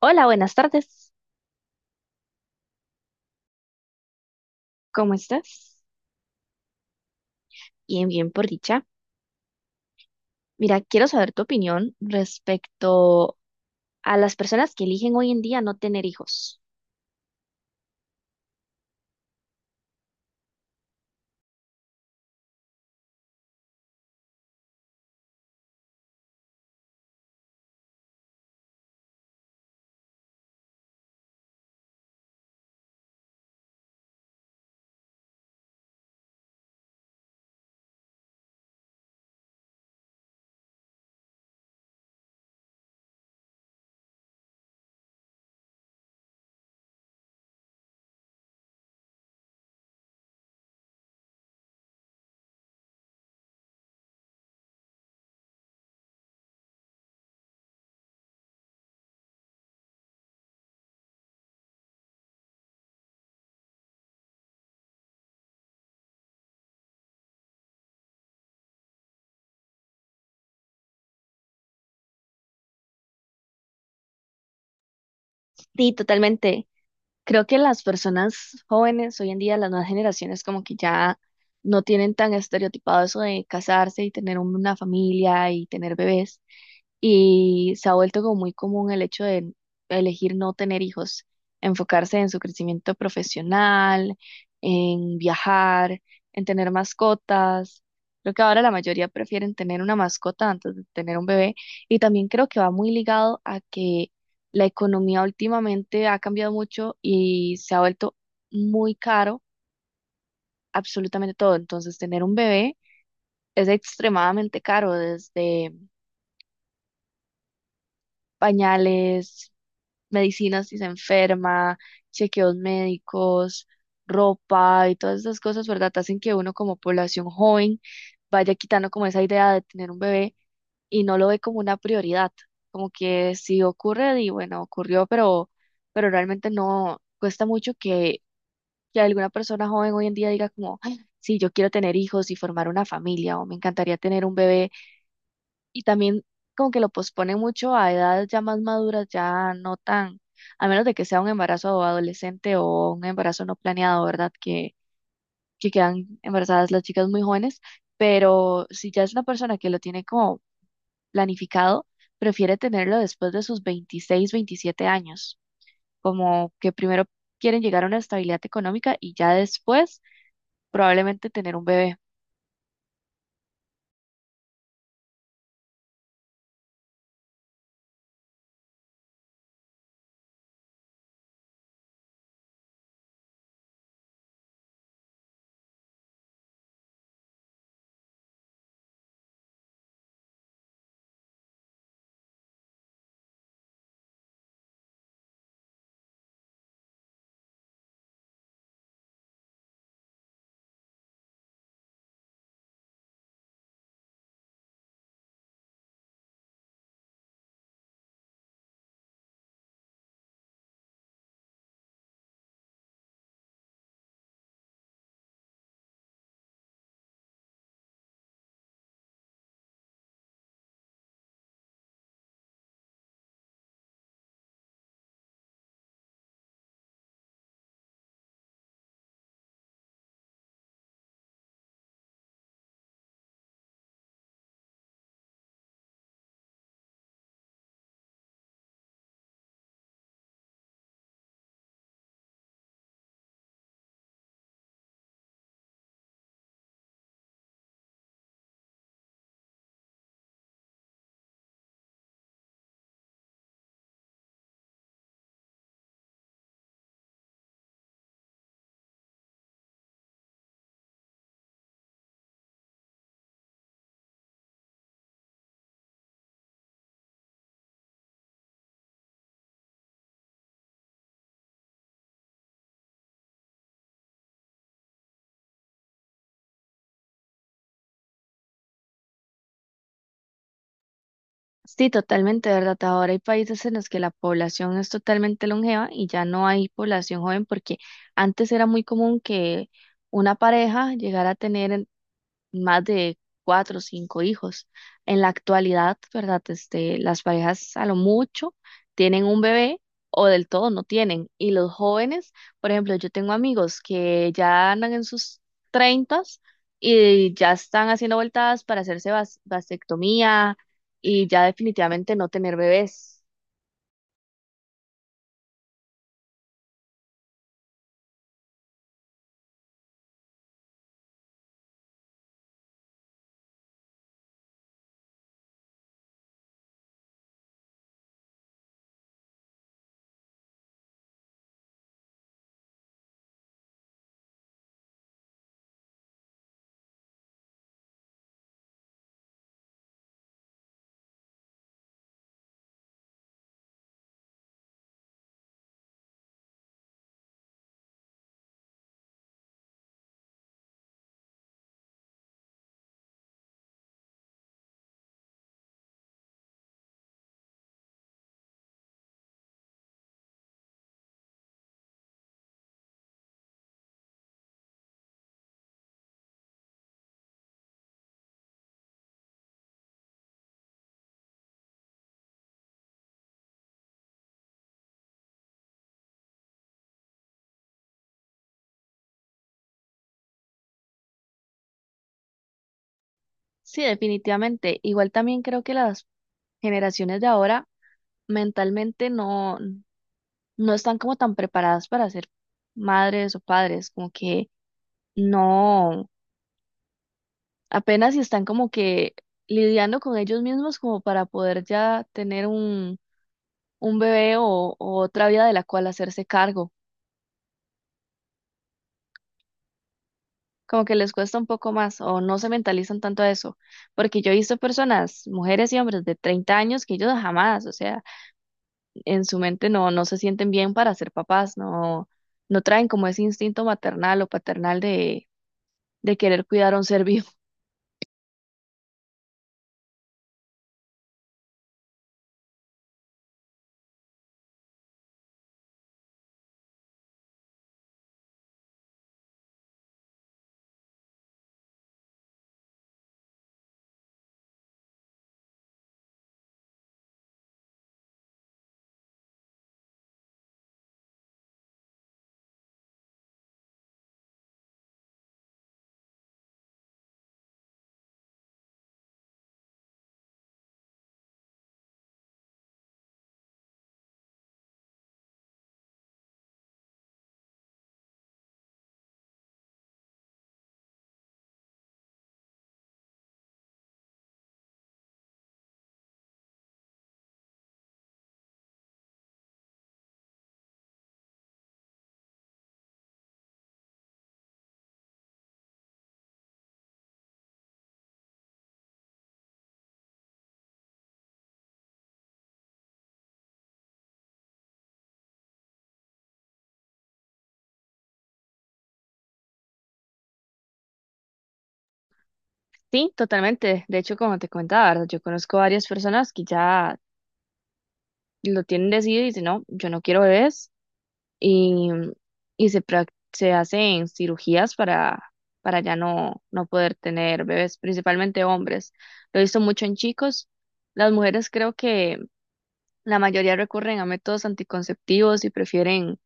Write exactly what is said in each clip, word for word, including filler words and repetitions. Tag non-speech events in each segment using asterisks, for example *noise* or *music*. Hola, buenas tardes. ¿Cómo estás? Bien, bien, por dicha. Mira, quiero saber tu opinión respecto a las personas que eligen hoy en día no tener hijos. Sí, totalmente. Creo que las personas jóvenes hoy en día, las nuevas generaciones, como que ya no tienen tan estereotipado eso de casarse y tener una familia y tener bebés. Y se ha vuelto como muy común el hecho de elegir no tener hijos, enfocarse en su crecimiento profesional, en viajar, en tener mascotas. Creo que ahora la mayoría prefieren tener una mascota antes de tener un bebé. Y también creo que va muy ligado a que la economía últimamente ha cambiado mucho y se ha vuelto muy caro absolutamente todo. Entonces, tener un bebé es extremadamente caro, desde pañales, medicinas si se enferma, chequeos médicos, ropa y todas esas cosas, ¿verdad? Hacen que uno como población joven vaya quitando como esa idea de tener un bebé y no lo ve como una prioridad. Como que si ocurre, y bueno, ocurrió, pero, pero realmente no cuesta mucho que que alguna persona joven hoy en día diga como, "Ay, sí, yo quiero tener hijos y formar una familia o me encantaría tener un bebé y también como que lo pospone mucho a edades ya más maduras, ya no tan, a menos de que sea un embarazo adolescente o un embarazo no planeado, ¿verdad? Que, que quedan embarazadas las chicas muy jóvenes, pero si ya es una persona que lo tiene como planificado, prefiere tenerlo después de sus veintiséis, veintisiete años, como que primero quieren llegar a una estabilidad económica y ya después probablemente tener un bebé. Sí, totalmente, ¿verdad? Ahora hay países en los que la población es totalmente longeva y ya no hay población joven porque antes era muy común que una pareja llegara a tener más de cuatro o cinco hijos. En la actualidad, ¿verdad? Este, las parejas a lo mucho tienen un bebé o del todo no tienen. Y los jóvenes, por ejemplo, yo tengo amigos que ya andan en sus treintas y ya están haciendo vueltas para hacerse vas- vasectomía y ya definitivamente no tener bebés. Sí, definitivamente. Igual también creo que las generaciones de ahora mentalmente no. no están como tan preparadas para ser madres o padres, como que no, apenas si están como que lidiando con ellos mismos como para poder ya tener un, un bebé o, o otra vida de la cual hacerse cargo. Como que les cuesta un poco más o no se mentalizan tanto a eso, porque yo he visto personas, mujeres y hombres de treinta años que ellos jamás, o sea, en su mente no, no se sienten bien para ser papás, no, no traen como ese instinto maternal o paternal de, de querer cuidar a un ser *laughs* vivo. Sí, totalmente. De hecho, como te comentaba, ¿verdad? Yo conozco varias personas que ya lo tienen decidido y dicen, no, yo no quiero bebés y, y se, prac- se hacen cirugías para, para ya no, no poder tener bebés, principalmente hombres. Lo he visto mucho en chicos. Las mujeres creo que la mayoría recurren a métodos anticonceptivos y prefieren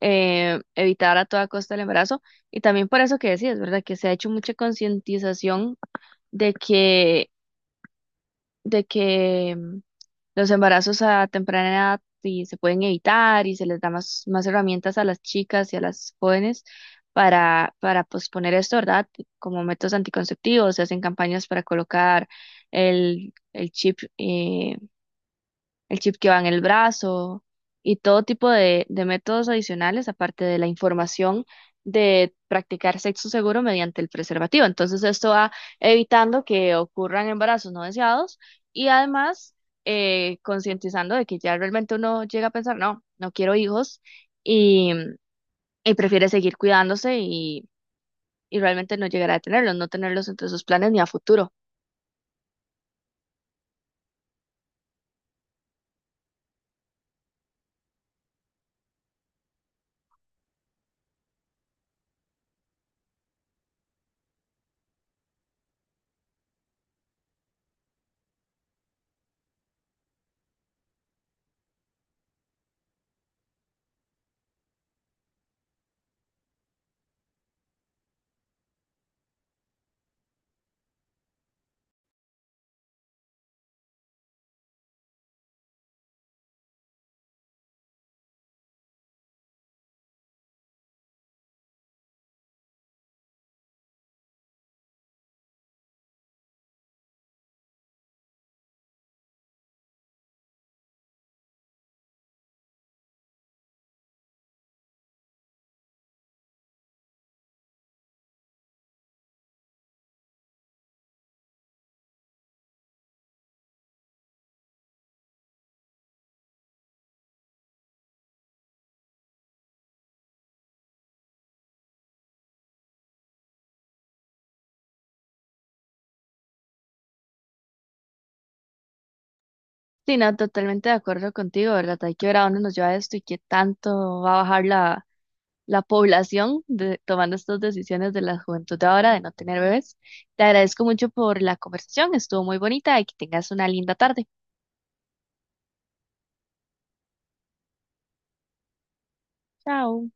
eh, evitar a toda costa el embarazo. Y también por eso que decías, ¿verdad? Que se ha hecho mucha concientización de que de que mm, los embarazos a temprana edad y se pueden evitar y se les da más, más herramientas a las chicas y a las jóvenes para, para posponer esto, ¿verdad? Como métodos anticonceptivos, se hacen campañas para colocar el, el chip eh, el chip que va en el brazo y todo tipo de, de métodos adicionales, aparte de la información de practicar sexo seguro mediante el preservativo. Entonces, esto va evitando que ocurran embarazos no deseados y además eh, concientizando de que ya realmente uno llega a pensar, no, no quiero hijos y, y prefiere seguir cuidándose y, y realmente no llegar a tenerlos, no tenerlos entre sus planes ni a futuro. Sí, no, totalmente de acuerdo contigo, ¿verdad? Hay que ver a dónde nos lleva esto y qué tanto va a bajar la, la población de- tomando estas decisiones de la juventud de ahora de no tener bebés. Te agradezco mucho por la conversación, estuvo muy bonita y que tengas una linda tarde. Chao.